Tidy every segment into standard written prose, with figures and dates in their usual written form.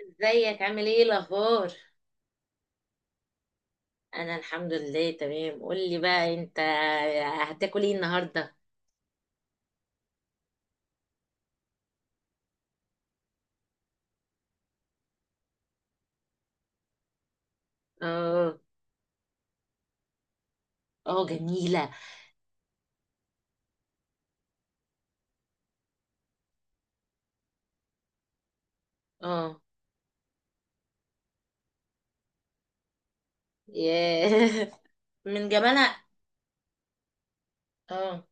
ازيك؟ عامل ايه؟ الاخبار؟ انا الحمد لله تمام. قول لي بقى انت هتاكل ايه النهارده؟ اه. اه، جميله. اه. ياه! من جمالها. اه.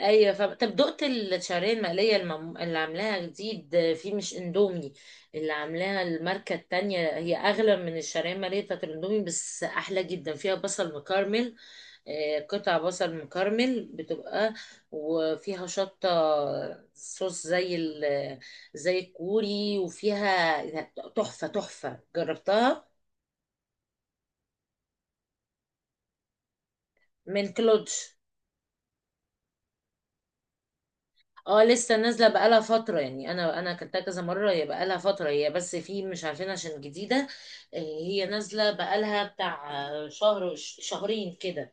ايوه، طب دقت الشعريه المقليه اللي عاملاها جديد، في مش اندومي. اللي عاملاها الماركه التانية هي اغلى من الشعريه المقليه بتاعت الاندومي، بس احلى جدا. فيها بصل مكرمل. قطع بصل مكرمل بتبقى. وفيها شطة. صوص زي الكوري، وفيها تحفة تحفة. جربتها؟ من كلودج. اه، لسه نازلة بقالها فترة. يعني انا اكلتها كذا مرة. هي بقالها فترة، هي بس في مش عارفين عشان جديدة. هي نازلة بقالها بتاع شهر شهرين كده.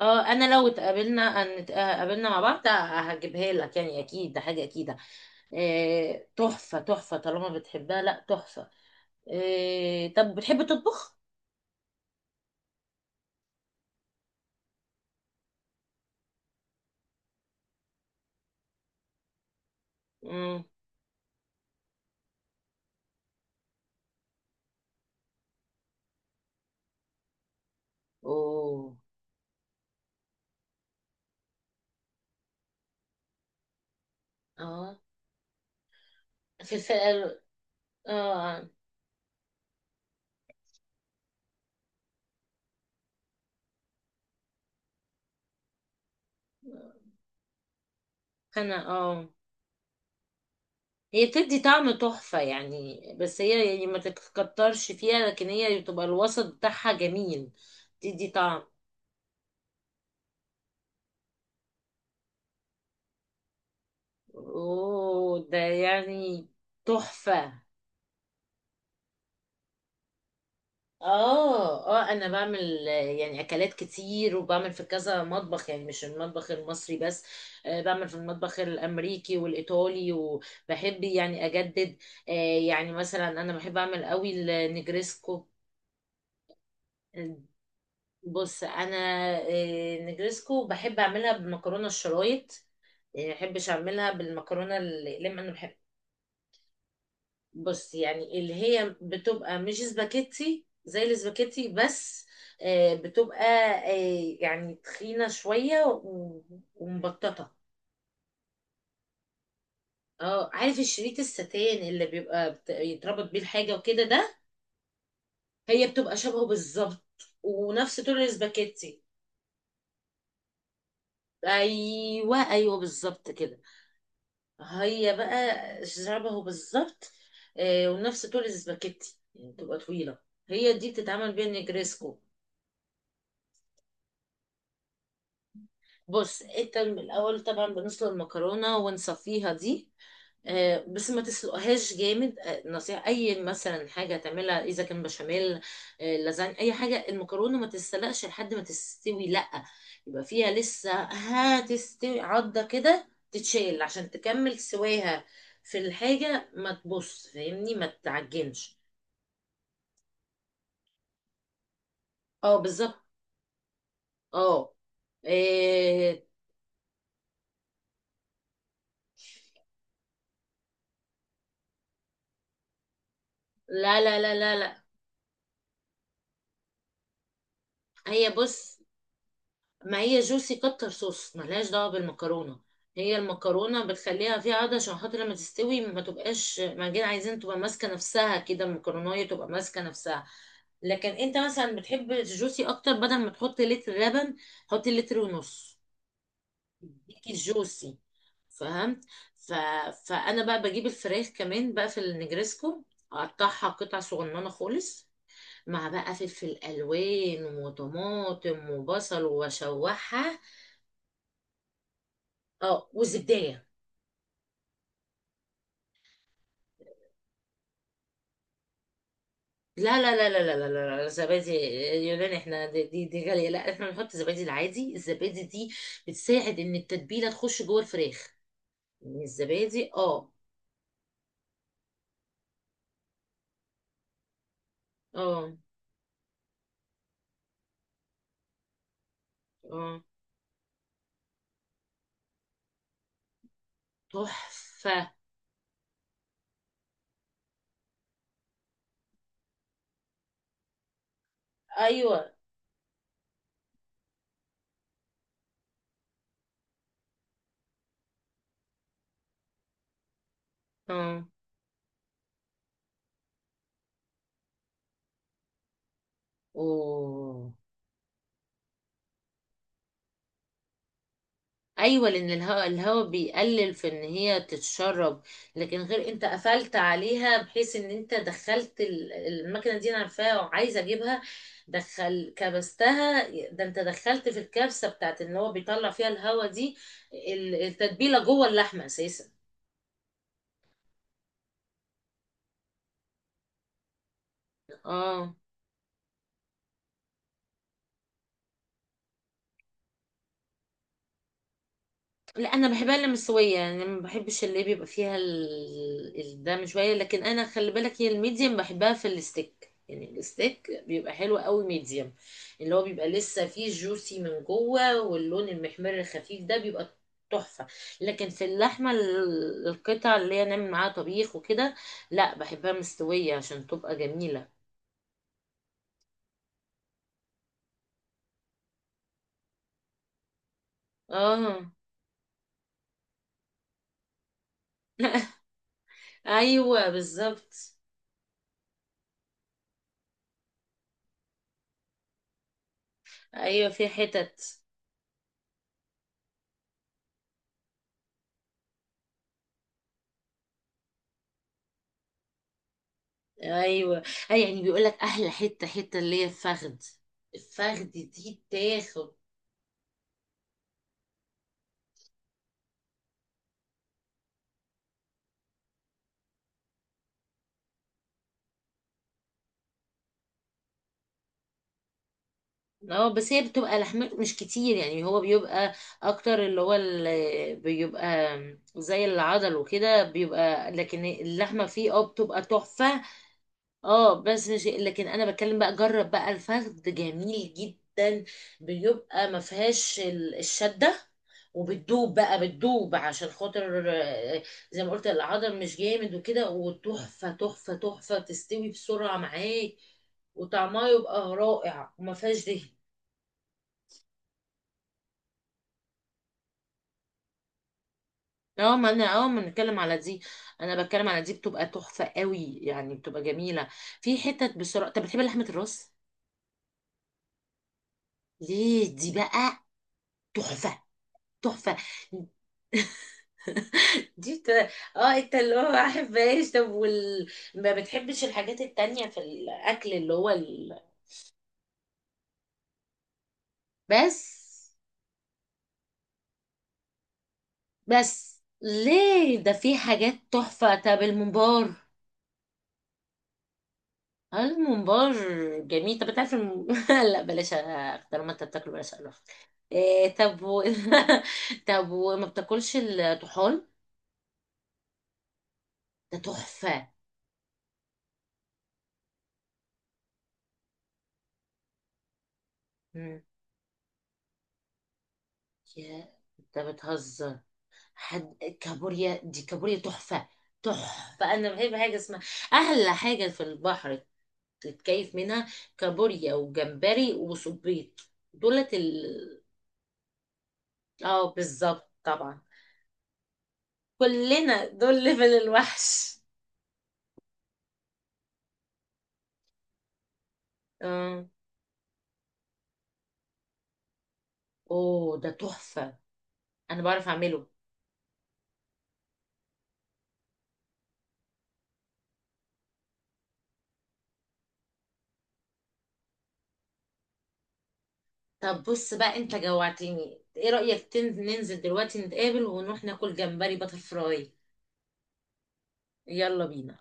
اه، انا لو اتقابلنا مع بعض هجيبها لك، يعني اكيد. ده حاجه اكيده. إيه، تحفه تحفه طالما بتحبها، لا تحفه. إيه، طب بتحب تطبخ؟ امم اوه. اه. في الفئه. اه. انا، اه. هي بتدي طعم تحفه يعني، بس هي يعني ما تتكترش فيها، لكن هي بتبقى الوسط بتاعها جميل. تدي طعم. اوه، ده يعني تحفه. اه، اه، انا بعمل يعني اكلات كتير، وبعمل في كذا مطبخ يعني مش المطبخ المصري بس. بعمل في المطبخ الامريكي والايطالي، وبحب يعني اجدد. آه، يعني مثلا انا بحب اعمل قوي النجريسكو. بص انا، نجريسكو بحب اعملها بمكرونه الشرايط. يعني ما بحبش اعملها بالمكرونه الاقلام، انا بحب. بص، يعني اللي هي بتبقى مش سباكيتي، زي السباكيتي بس. بتبقى يعني تخينة شوية ومبططة. اه، عارف الشريط الستان اللي بيبقى يتربط بيه الحاجة وكده ده؟ هي بتبقى شبهه بالظبط. ونفس طول السباكيتي. ايوه، ايوه، بالظبط كده. هي بقى شبهه بالظبط. ونفس طول السباكيتي، يعني بتبقى طويلة. هي دي بتتعمل بيها نجريسكو. بص، انت الاول طبعا بنسلق المكرونه ونصفيها دي. بس ما تسلقهاش جامد. نصيحة، أي مثلا حاجة تعملها إذا كان بشاميل، لازانيا، أي حاجة، المكرونة ما تتسلقش لحد ما تستوي، لأ. يبقى فيها لسه، هتستوي عضة كده تتشال عشان تكمل سواها. في الحاجة ما تبص فاهمني، ما تعجنش. اه، بالظبط. اه. إيه. لا، لا، لا، لا، لا. هي بص، ما هي جوسي، كتر صوص ملهاش دعوة بالمكرونة. هي المكرونة بتخليها فيها عضة عشان خاطر لما تستوي ما تبقاش معجنة. عايزين تبقى ماسكة نفسها كده، المكرونية تبقى ماسكة نفسها. لكن انت مثلا بتحب الجوسي اكتر، بدل ما تحط لتر لبن حط لتر ونص. يديكي الجوسي. فهمت. ف... فانا بقى بجيب الفراخ كمان بقى في النجرسكو. اقطعها قطع صغننة خالص. مع بقى فلفل الوان وطماطم وبصل، واشوحها. اه، والزبدية. لا، لا، لا، لا، لا، لا، لا، زبادي يوناني. احنا دي غالية، لا، احنا بنحط زبادي العادي. الزبادي دي بتساعد ان التتبيلة تخش جوه الفراخ. يعني الزبادي، اه. اه، اه، تحفة. ايوه. اه. اوه، ايوه، لان الهواء بيقلل في ان هي تتشرب. لكن غير انت قفلت عليها، بحيث ان انت دخلت المكنه دي، انا عارفاها وعايزه اجيبها. دخل كبستها. ده انت دخلت في الكبسه بتاعت ان هو بيطلع فيها الهواء دي. التتبيله جوه اللحمه اساسا. اه، لا، انا بحبها اللي مستويه. يعني أنا ما بحبش اللي بيبقى فيها الدم شويه. لكن انا خلي بالك، هي الميديم بحبها في الستيك. يعني الستيك بيبقى حلو قوي ميديم. اللي هو بيبقى لسه فيه جوسي من جوه، واللون المحمر الخفيف ده بيبقى تحفه. لكن في اللحمه، القطع اللي هي نعمل معاها طبيخ وكده، لا، بحبها مستويه عشان تبقى جميله. اه. ايوه، بالظبط. ايوه، في حتت. ايوه. اي يعني، بيقول لك احلى حته حته اللي هي الفخد. الفخد دي تاخد. اه، بس هي بتبقى لحمته مش كتير، يعني هو بيبقى اكتر. اللي هو اللي بيبقى زي العضل وكده بيبقى، لكن اللحمه فيه بتبقى تحفه. اه، بس شيء، لكن انا بتكلم بقى، جرب بقى الفخد جميل جدا. بيبقى ما فيهاش الشده. وبتدوب بقى بتدوب، عشان خاطر زي ما قلت العضل مش جامد وكده، وتحفه تحفه تحفه تستوي بسرعه معاك. وطعمها يبقى رائع، وما فيهاش دهن. اه، ما انا ما بنتكلم على دي. انا بتكلم على دي، بتبقى تحفه قوي، يعني بتبقى جميله. في حتت بسرعه. طب بتحب لحمه الراس؟ ليه؟ دي بقى تحفه. تحفه. دي اه، انت اللي هو ما بحبهاش. طب ما بتحبش الحاجات التانية في الأكل اللي هو بس. بس ليه ده؟ في حاجات تحفة. طب الممبار؟ الممبار جميل. طب انت عارف لا بلاش طالما انت بتاكله بلاش أقرف. إيه، طب طب وما بتاكلش الطحال؟ ده تحفة. مم. يا، انت بتهزر؟ كابوريا، دي كابوريا تحفة. تحفة، أنا بحب حاجة اسمها أحلى حاجة في البحر تتكيف منها. كابوريا وجمبري وصبيط، دولت اه، بالظبط، طبعا. كلنا دول ليفل الوحش. اه، اوه، ده تحفة. أنا بعرف أعمله. طب بص بقى، أنت جوعتني. إيه رأيك ننزل دلوقتي، نتقابل ونروح ناكل جمبري باتر فراي؟ يلا بينا.